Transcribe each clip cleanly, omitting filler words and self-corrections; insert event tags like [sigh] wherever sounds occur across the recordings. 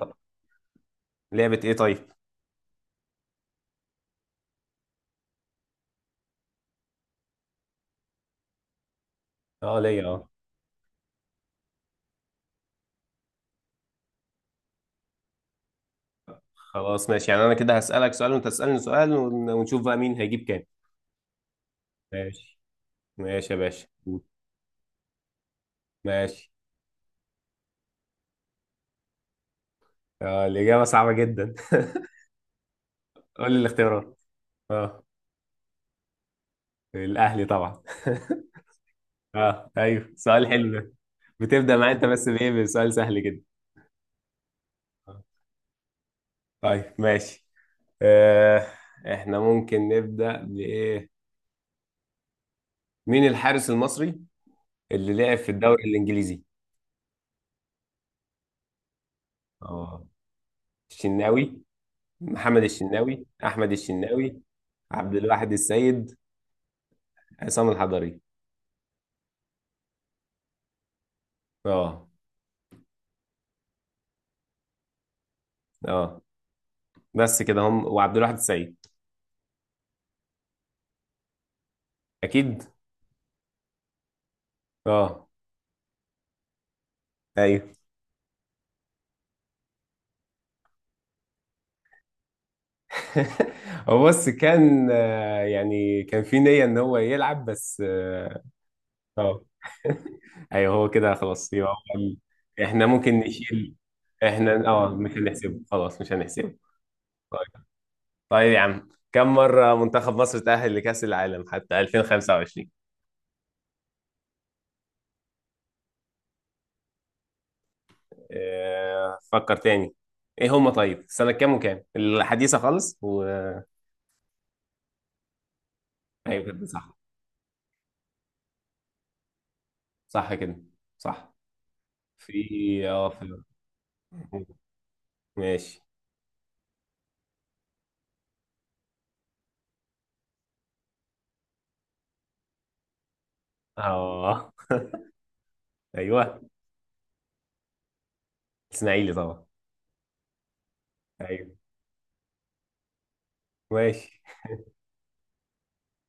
طب، لعبة ايه طيب؟ اه، ليا، اه. خلاص ماشي، يعني انا كده هسألك سؤال وانت تسألني سؤال ونشوف بقى مين هيجيب كام. ماشي ماشي يا باشا. ماشي. اه، الإجابة صعبة جدا. [laughs] قول لي الاختيارات. اه، الأهلي طبعا. [laughs] اه، ايوه، سؤال حلو ده. بتبدأ معايا انت بس بايه؟ بسؤال سهل جدا. آه. طيب، ماشي. آه احنا ممكن نبدأ بإيه. مين الحارس المصري اللي لعب في الدوري الإنجليزي؟ اه، الشناوي، محمد الشناوي، احمد الشناوي، عبد الواحد السيد، عصام الحضري. اه، اه، بس كده، هم وعبد الواحد السيد. اكيد. اه، ايوه. [laughs] هو بص كان، يعني كان في نية ان هو يلعب، بس آه. [laughs] ايوه، هو كده خلاص، يبقى هو. احنا ممكن نشيل احنا اه مش هنحسبه، خلاص مش هنحسبه. طيب. طيب يا عم، كم مرة منتخب مصر تأهل لكأس العالم حتى 2025؟ فكر تاني. ايه هما طيب؟ سنة كام وكام الحديثة خالص و... ايوه كده صح. صح كده. صح. في اه في. ماشي. اه، ايوه، اسماعيلي طبعا. ايوه. ماشي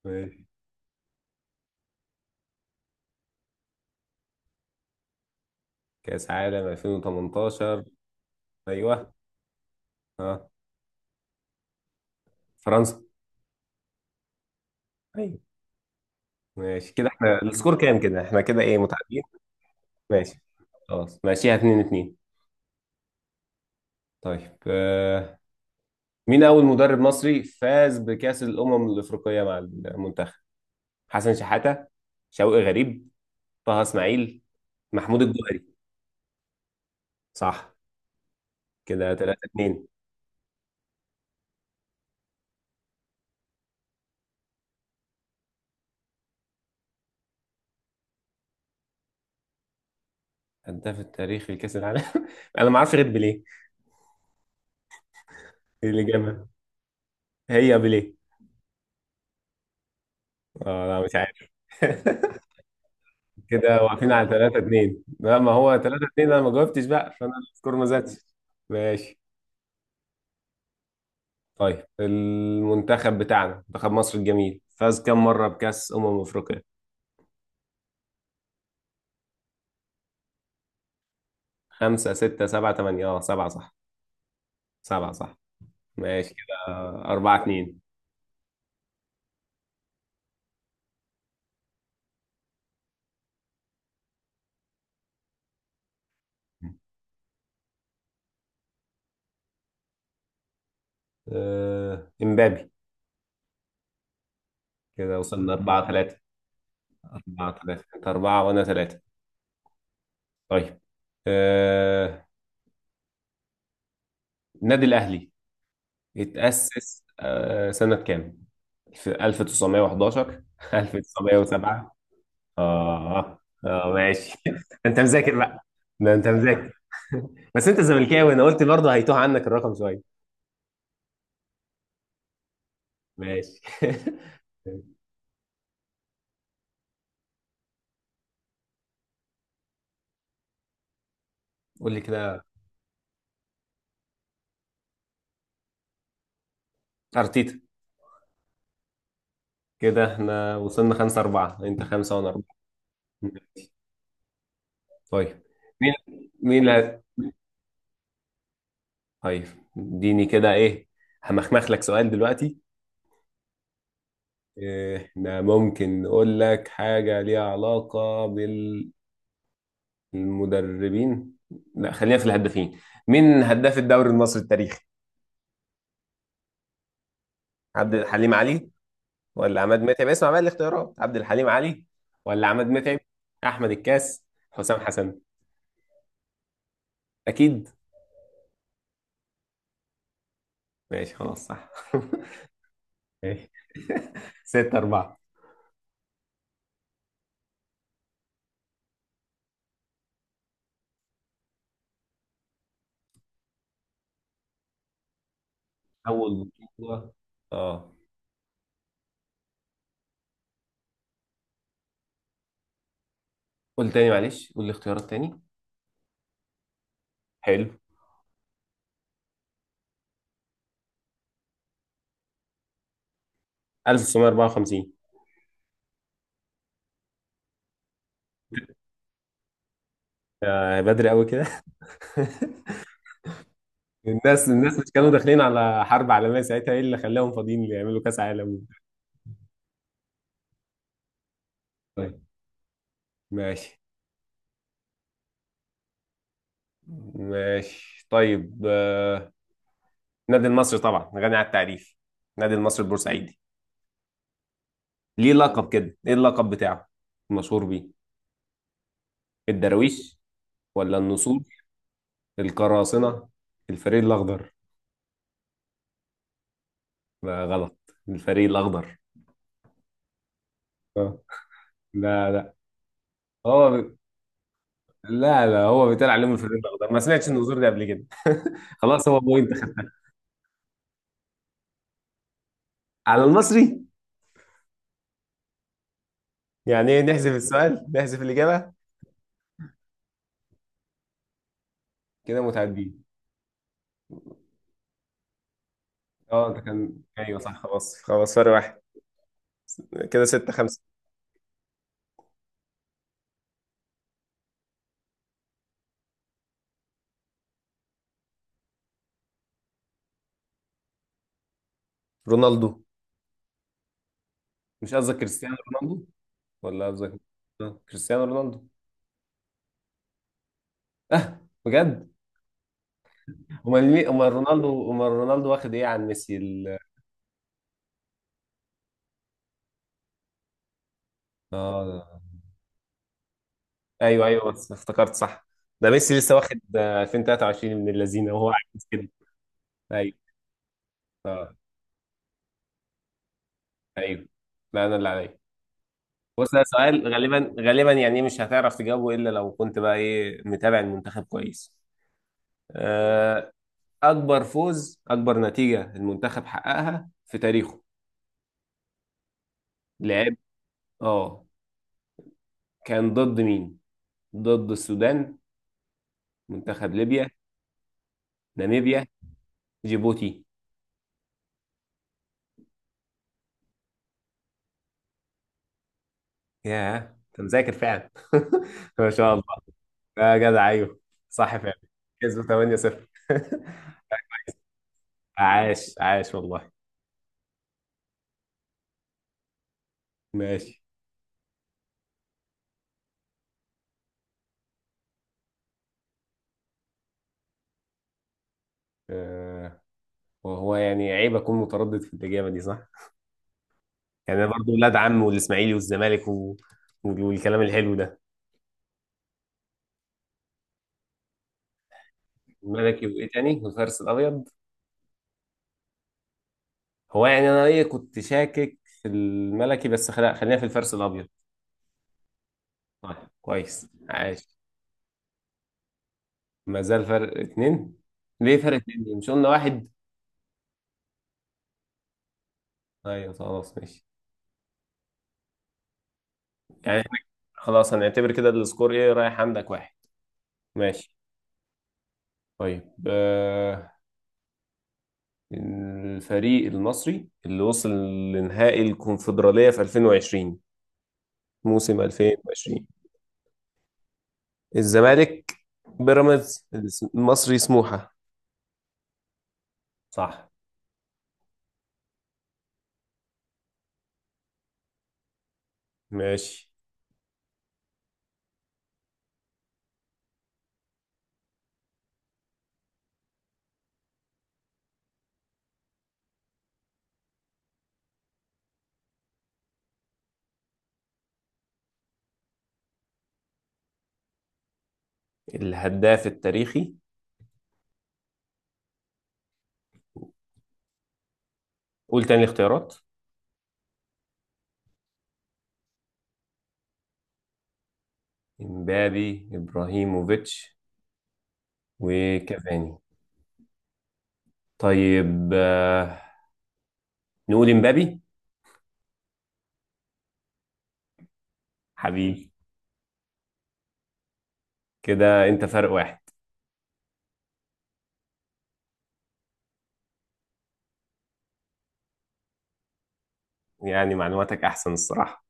ماشي. كأس عالم 2018. ايوه. اه، فرنسا. ايوه. ماشي كده، احنا السكور كام؟ كده احنا كده ايه، متعادلين. ماشي خلاص، ماشيها 2 2. طيب. مين أول مدرب مصري فاز بكأس الأمم الأفريقية مع المنتخب؟ حسن شحاتة، شوقي غريب، طه إسماعيل، محمود الجوهري. صح. كده 3 2. هداف التاريخ لكأس العالم. [laughs] أنا ما أعرفش غير بيليه، دي الإجابة. هي بيليه. اه، لا، مش عارف. [laughs] كده واقفين على 3 2. لا، ما هو 3 2، انا ما جاوبتش بقى، فانا السكور ما زادش. ماشي. طيب، المنتخب بتاعنا، منتخب مصر الجميل، فاز كم مرة بكأس أمم أفريقيا؟ خمسة، ستة، سبعة، تمانية. اه، سبعة صح. سبعة صح. ماشي كده. أربعة اتنين. إمبابي. كده وصلنا أربعة تلاتة. أربعة تلاتة، أنت أربعة وأنا تلاتة. طيب. آه، النادي الأهلي اتأسس سنة كام؟ في 1911. 1907. [laughs] آه. آه، ماشي. [laughs] أنت مذاكر بقى. ده أنت مذاكر. [laughs] بس أنت زملكاوي، أنا قلت برضه هيتوه عنك الرقم شوية. ماشي. [laughs] قول لي كده. أرتيتا. كده احنا وصلنا خمسة أربعة، أنت خمسة وأنا أربعة. طيب. مين مين. طيب، اديني كده إيه، همخمخ لك سؤال دلوقتي. إيه، احنا ممكن نقول لك حاجة ليها علاقة بالمدربين. لا، خلينا في الهدافين. مين هداف الدوري المصري التاريخي؟ عبد الحليم علي، ولا عماد متعب. اسمع بقى الاختيارات. عبد الحليم علي، ولا عماد متعب، أحمد الكاس، حسام حسن. أكيد. ماشي خلاص، صح. [laughs] ماشي. ستة أربعة. أول بطولة، اه قول تاني، معلش، قول لي اختيارات تاني. حلو. 1954. آه، بدري قوي كده. [laughs] الناس مش كانوا داخلين على حرب عالمية ساعتها؟ ايه اللي خلاهم فاضيين اللي يعملوا كأس عالم؟ طيب. ماشي ماشي. طيب. النادي المصري طبعا غني عن التعريف. النادي المصري البورسعيدي، ليه لقب كده؟ ايه اللقب بتاعه مشهور بيه؟ الدراويش، ولا النسور، القراصنة، الفريق الأخضر. لا، غلط. الفريق الأخضر اه لا، هو ب... لا لا، هو بيتقال عليهم الفريق الاخضر، ما سمعتش النظور ده قبل كده. خلاص، هو بوينت، خد. على المصري. يعني ايه، نحذف السؤال، نحذف الاجابه. كده متعادلين. اه، انت كان، ايوه صح. خلاص خلاص، فرق واحد. كده 6 5. رونالدو. مش قصدك كريستيانو رونالدو ولا قصدك؟ كريستيانو رونالدو. اه، بجد؟ امال مين؟ امال رونالدو واخد ايه عن ميسي. اه، ايوه ايوه، بس افتكرت، صح. ده ميسي لسه واخد 2023، من اللذينه، وهو عايز كده. ايوه. آه. ايوه. لا، انا اللي عليا. بص، ده سؤال غالبا غالبا يعني مش هتعرف تجاوبه، الا لو كنت بقى ايه متابع المنتخب كويس. آه، اكبر نتيجة المنتخب حققها في تاريخه. لعب. اه كان ضد مين؟ ضد السودان، منتخب ليبيا، ناميبيا، جيبوتي. ياه، انت مذاكر فعلا. [laughs] ما شاء الله. يا جدع ايوه، صح فعلا. كسبوا 8-0. [laughs] عاش عاش والله. ماشي. آه، وهو يعني عيب اكون متردد في الاجابه دي، صح؟ يعني انا برضه ولاد عم والاسماعيلي والزمالك والكلام الحلو ده. الملكي، وايه تاني؟ والفارس الابيض. هو يعني انا ايه، كنت شاكك في الملكي، بس خلينا في الفارس الابيض. طيب. كويس، عاش. ما زال فرق اتنين. ليه فرق اتنين؟ مش قلنا واحد؟ ايوه، خلاص، ماشي. يعني احنا خلاص هنعتبر كده السكور ايه، رايح عندك واحد. ماشي. طيب. الفريق المصري اللي وصل لنهائي الكونفدرالية في 2020، موسم 2020. الزمالك، بيراميدز، المصري، سموحة. صح. ماشي. الهداف التاريخي. قول تاني الاختيارات. امبابي، ابراهيموفيتش، وكافاني. طيب. نقول امبابي. حبيبي. كده انت فرق واحد. يعني معلوماتك احسن الصراحة.